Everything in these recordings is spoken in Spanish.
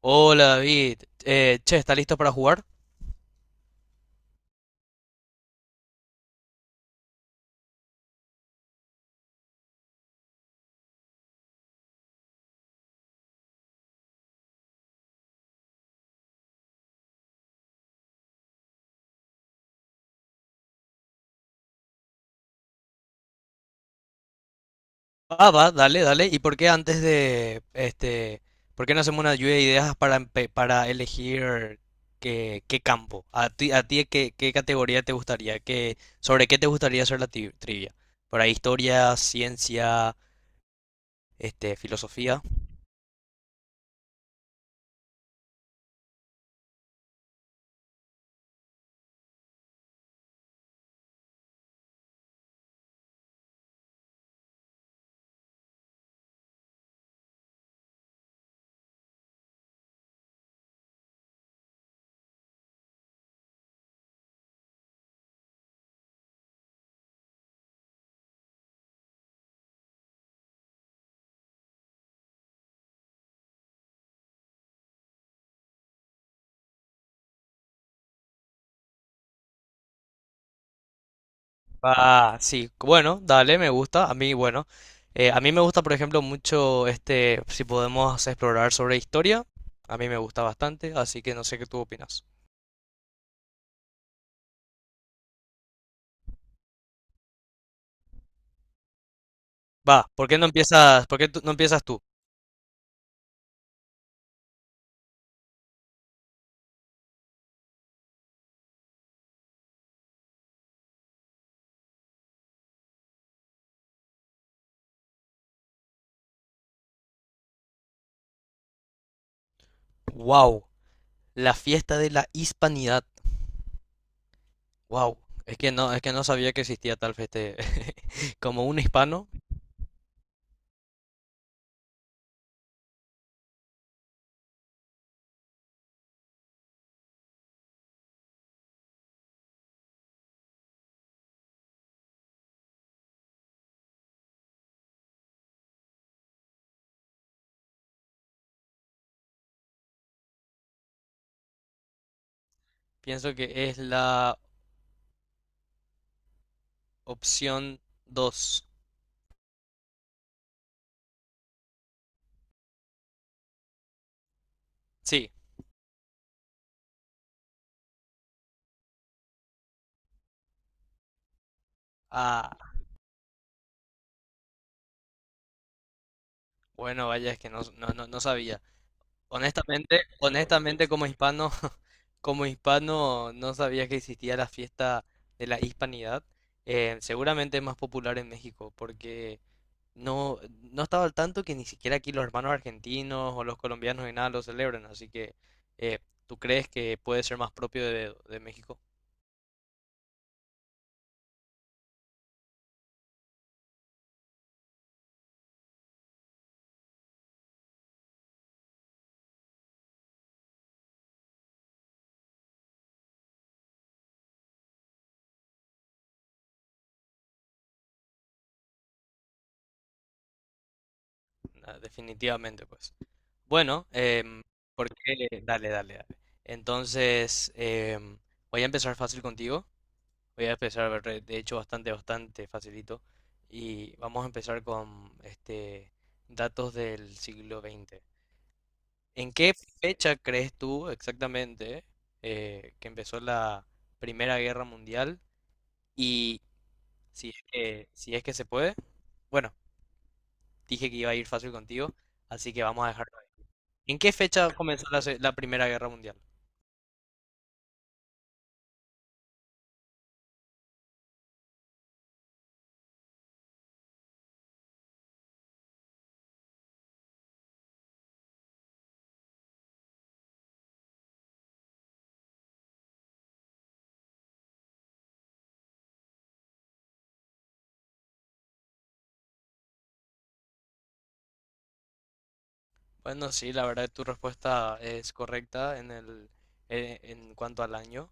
Hola David, che, ¿está listo para jugar? Ah, va, dale, dale. ¿Por qué no hacemos una lluvia de ideas para elegir qué campo? ¿A ti qué categoría te gustaría? ¿Sobre qué te gustaría hacer la trivia? ¿Para historia, ciencia, filosofía? Ah, sí, bueno, dale, me gusta. A mí, bueno, a mí me gusta, por ejemplo, mucho, si podemos explorar sobre historia, a mí me gusta bastante, así que no sé qué tú opinas. Va, ¿por qué no empiezas, por qué tú- no empiezas tú? Wow, la fiesta de la hispanidad. Wow, es que no sabía que existía tal fiesta. Como un hispano, pienso que es la opción dos. Sí. Ah, bueno, vaya, es que no, no, no, no sabía. Honestamente, honestamente como hispano, como hispano no sabía que existía la fiesta de la hispanidad. Seguramente es más popular en México porque no, no estaba al tanto que ni siquiera aquí los hermanos argentinos o los colombianos ni nada lo celebran, así que eh, ¿tú crees que puede ser más propio de México? Ah, definitivamente, pues. Bueno, ¿por qué? Dale, dale, dale. Entonces, voy a empezar fácil contigo. Voy a empezar, de hecho, bastante, bastante facilito. Y vamos a empezar con datos del siglo XX. ¿En qué fecha crees tú exactamente que empezó la Primera Guerra Mundial? Y si es que se puede, bueno, dije que iba a ir fácil contigo, así que vamos a dejarlo ahí. ¿En qué fecha comenzó la Primera Guerra Mundial? Bueno, sí, la verdad tu respuesta es correcta en cuanto al año.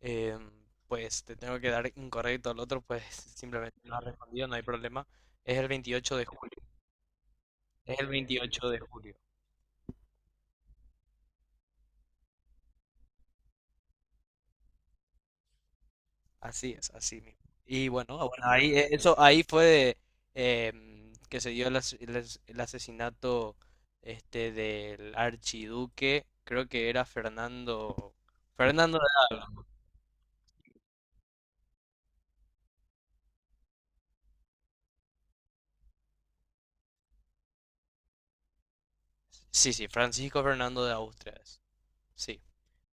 Em, pues te tengo que dar incorrecto al otro, pues simplemente no has respondido, no hay problema. Es el 28 de julio. Es el 28 de julio. Así es, así mismo. Y bueno, bueno, ahí eso ahí fue que se dio el asesinato del archiduque, creo que era Fernando Fernando de Alba. Sí, sí, Francisco Fernando de Austria es. Sí.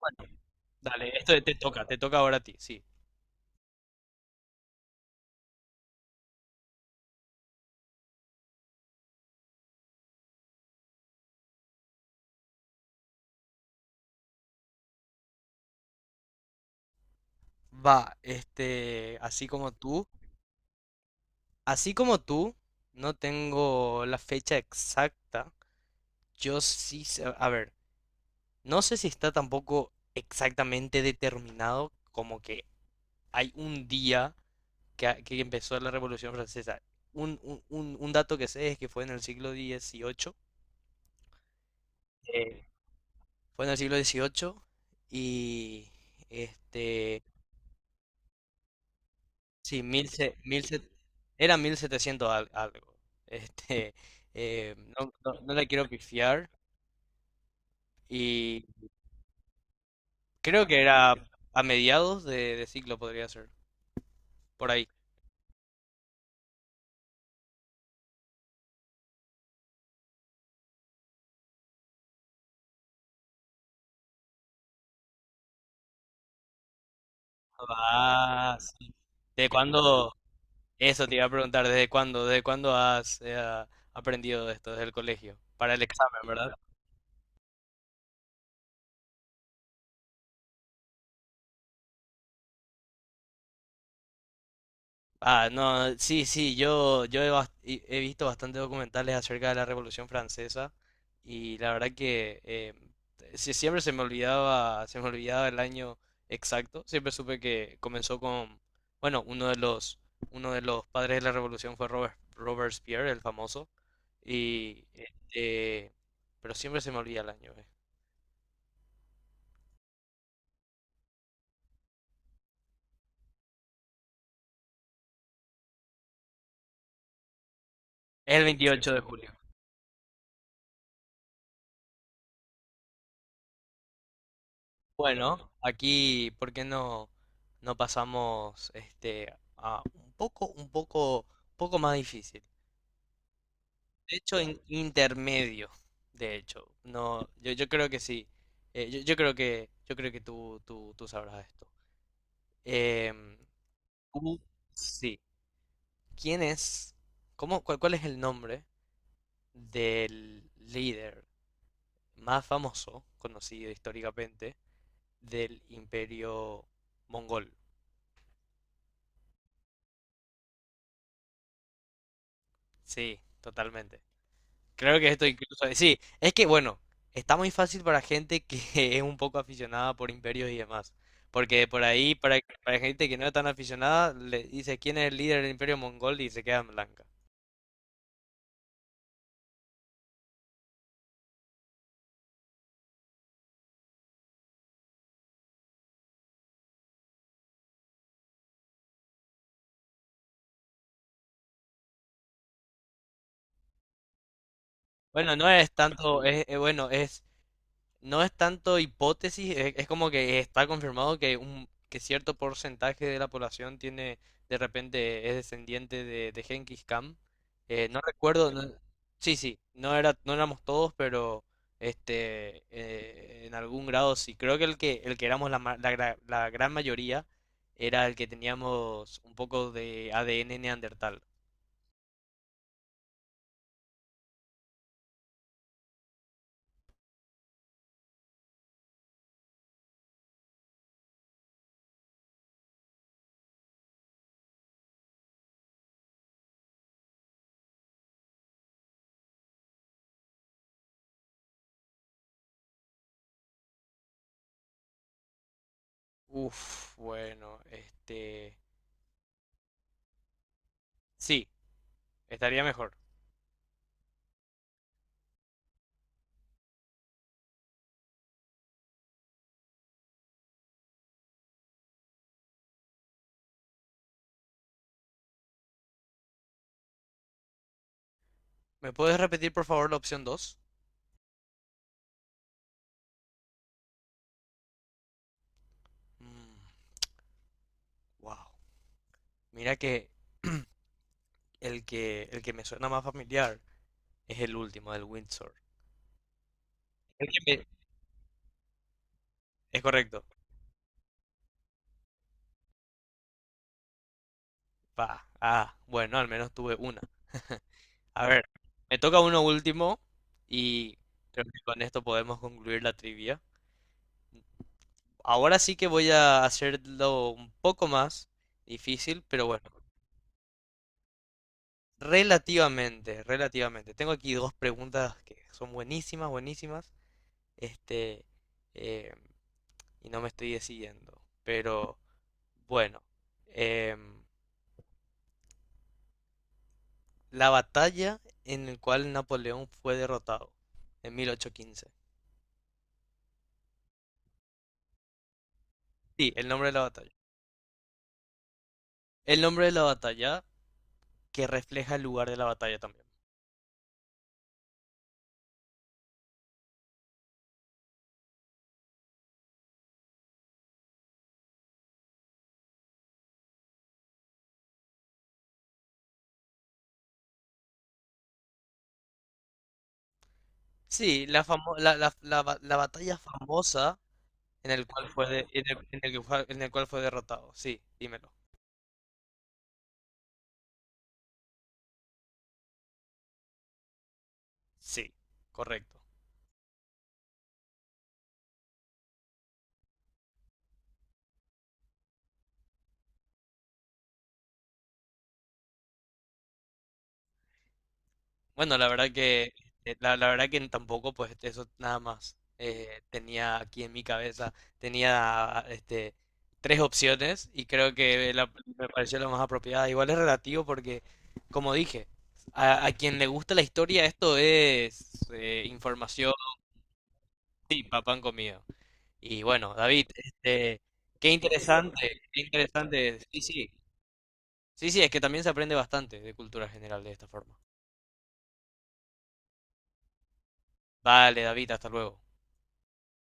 Bueno, dale, esto te toca ahora a ti, sí. Va, así como tú, no tengo la fecha exacta. Yo sí, a ver. No sé si está tampoco exactamente determinado como que hay un día que empezó la Revolución Francesa. Un dato que sé es que fue en el siglo XVIII. Eh, Fue en el siglo XVIII y este, sí, era 1700 algo. Este, no, no, no la quiero pifiar y creo que era a mediados de siglo podría ser, por ahí. Ah, sí. ¿De cuándo? Eso te iba a preguntar, ¿desde cuándo? ¿Desde cuándo has aprendido de esto? Desde el colegio. Para el examen, ¿verdad? Ah, no, sí, sí, yo he visto bastantes documentales acerca de la Revolución Francesa y la verdad que sí, siempre se me olvidaba el año exacto, siempre supe que comenzó con, bueno, uno de los padres de la Revolución fue Robespierre, el famoso, y pero siempre se me olvida el año. Es el Sí, 28 de julio. Bueno, aquí, ¿por qué no pasamos a un poco más difícil? De hecho, intermedio, de hecho. No, yo creo que sí. Yo creo que tú sabrás esto. Em, tú- sí. ¿Quién es? ¿Cuál es el nombre del líder más famoso, conocido históricamente, del Imperio Mongol? Sí, totalmente. Creo que esto incluso. Sí, es que bueno, está muy fácil para gente que es un poco aficionada por imperios y demás. Porque por ahí, para gente que no es tan aficionada, le dice quién es el líder del imperio mongol y se queda en blanca. Bueno, no es tanto, es, bueno, es No es tanto hipótesis, es como que está confirmado que un que cierto porcentaje de la población tiene de repente es descendiente de Genghis Khan. No recuerdo, no- Sí, sí, no éramos todos, pero en algún grado sí. Creo que el que éramos la gran mayoría era el que teníamos un poco de ADN neandertal. Uf, bueno, sí, estaría mejor. ¿Me puedes repetir por favor la opción dos? Mm, wow. Mira que el que me suena más familiar es el último del Windsor. El que me- Es correcto. Pa. Ah, bueno, al menos tuve una. A ver, me toca uno último y creo que con esto podemos concluir la trivia. Ahora sí que voy a hacerlo un poco más difícil, pero bueno, relativamente, relativamente. Tengo aquí dos preguntas que son buenísimas, buenísimas. Este, eh, y no me estoy decidiendo. Pero bueno, em, la batalla en la cual Napoleón fue derrotado en 1815. Sí, el nombre de la batalla. El nombre de la batalla que refleja el lugar de la batalla también. Sí, la, famo- la- la ba- la batalla famosa en el cual fue derrotado. Sí, dímelo. Sí, correcto. Bueno, la verdad que tampoco pues eso nada más tenía aquí en mi cabeza tenía tres opciones y creo que me pareció la más apropiada. Igual es relativo porque como dije, a quien le gusta la historia esto es información y papán comido. Y bueno, David, qué interesante, qué interesante. Sí, sí. Sí, sí, es que también se aprende bastante de cultura general de esta forma. Vale, David, hasta luego.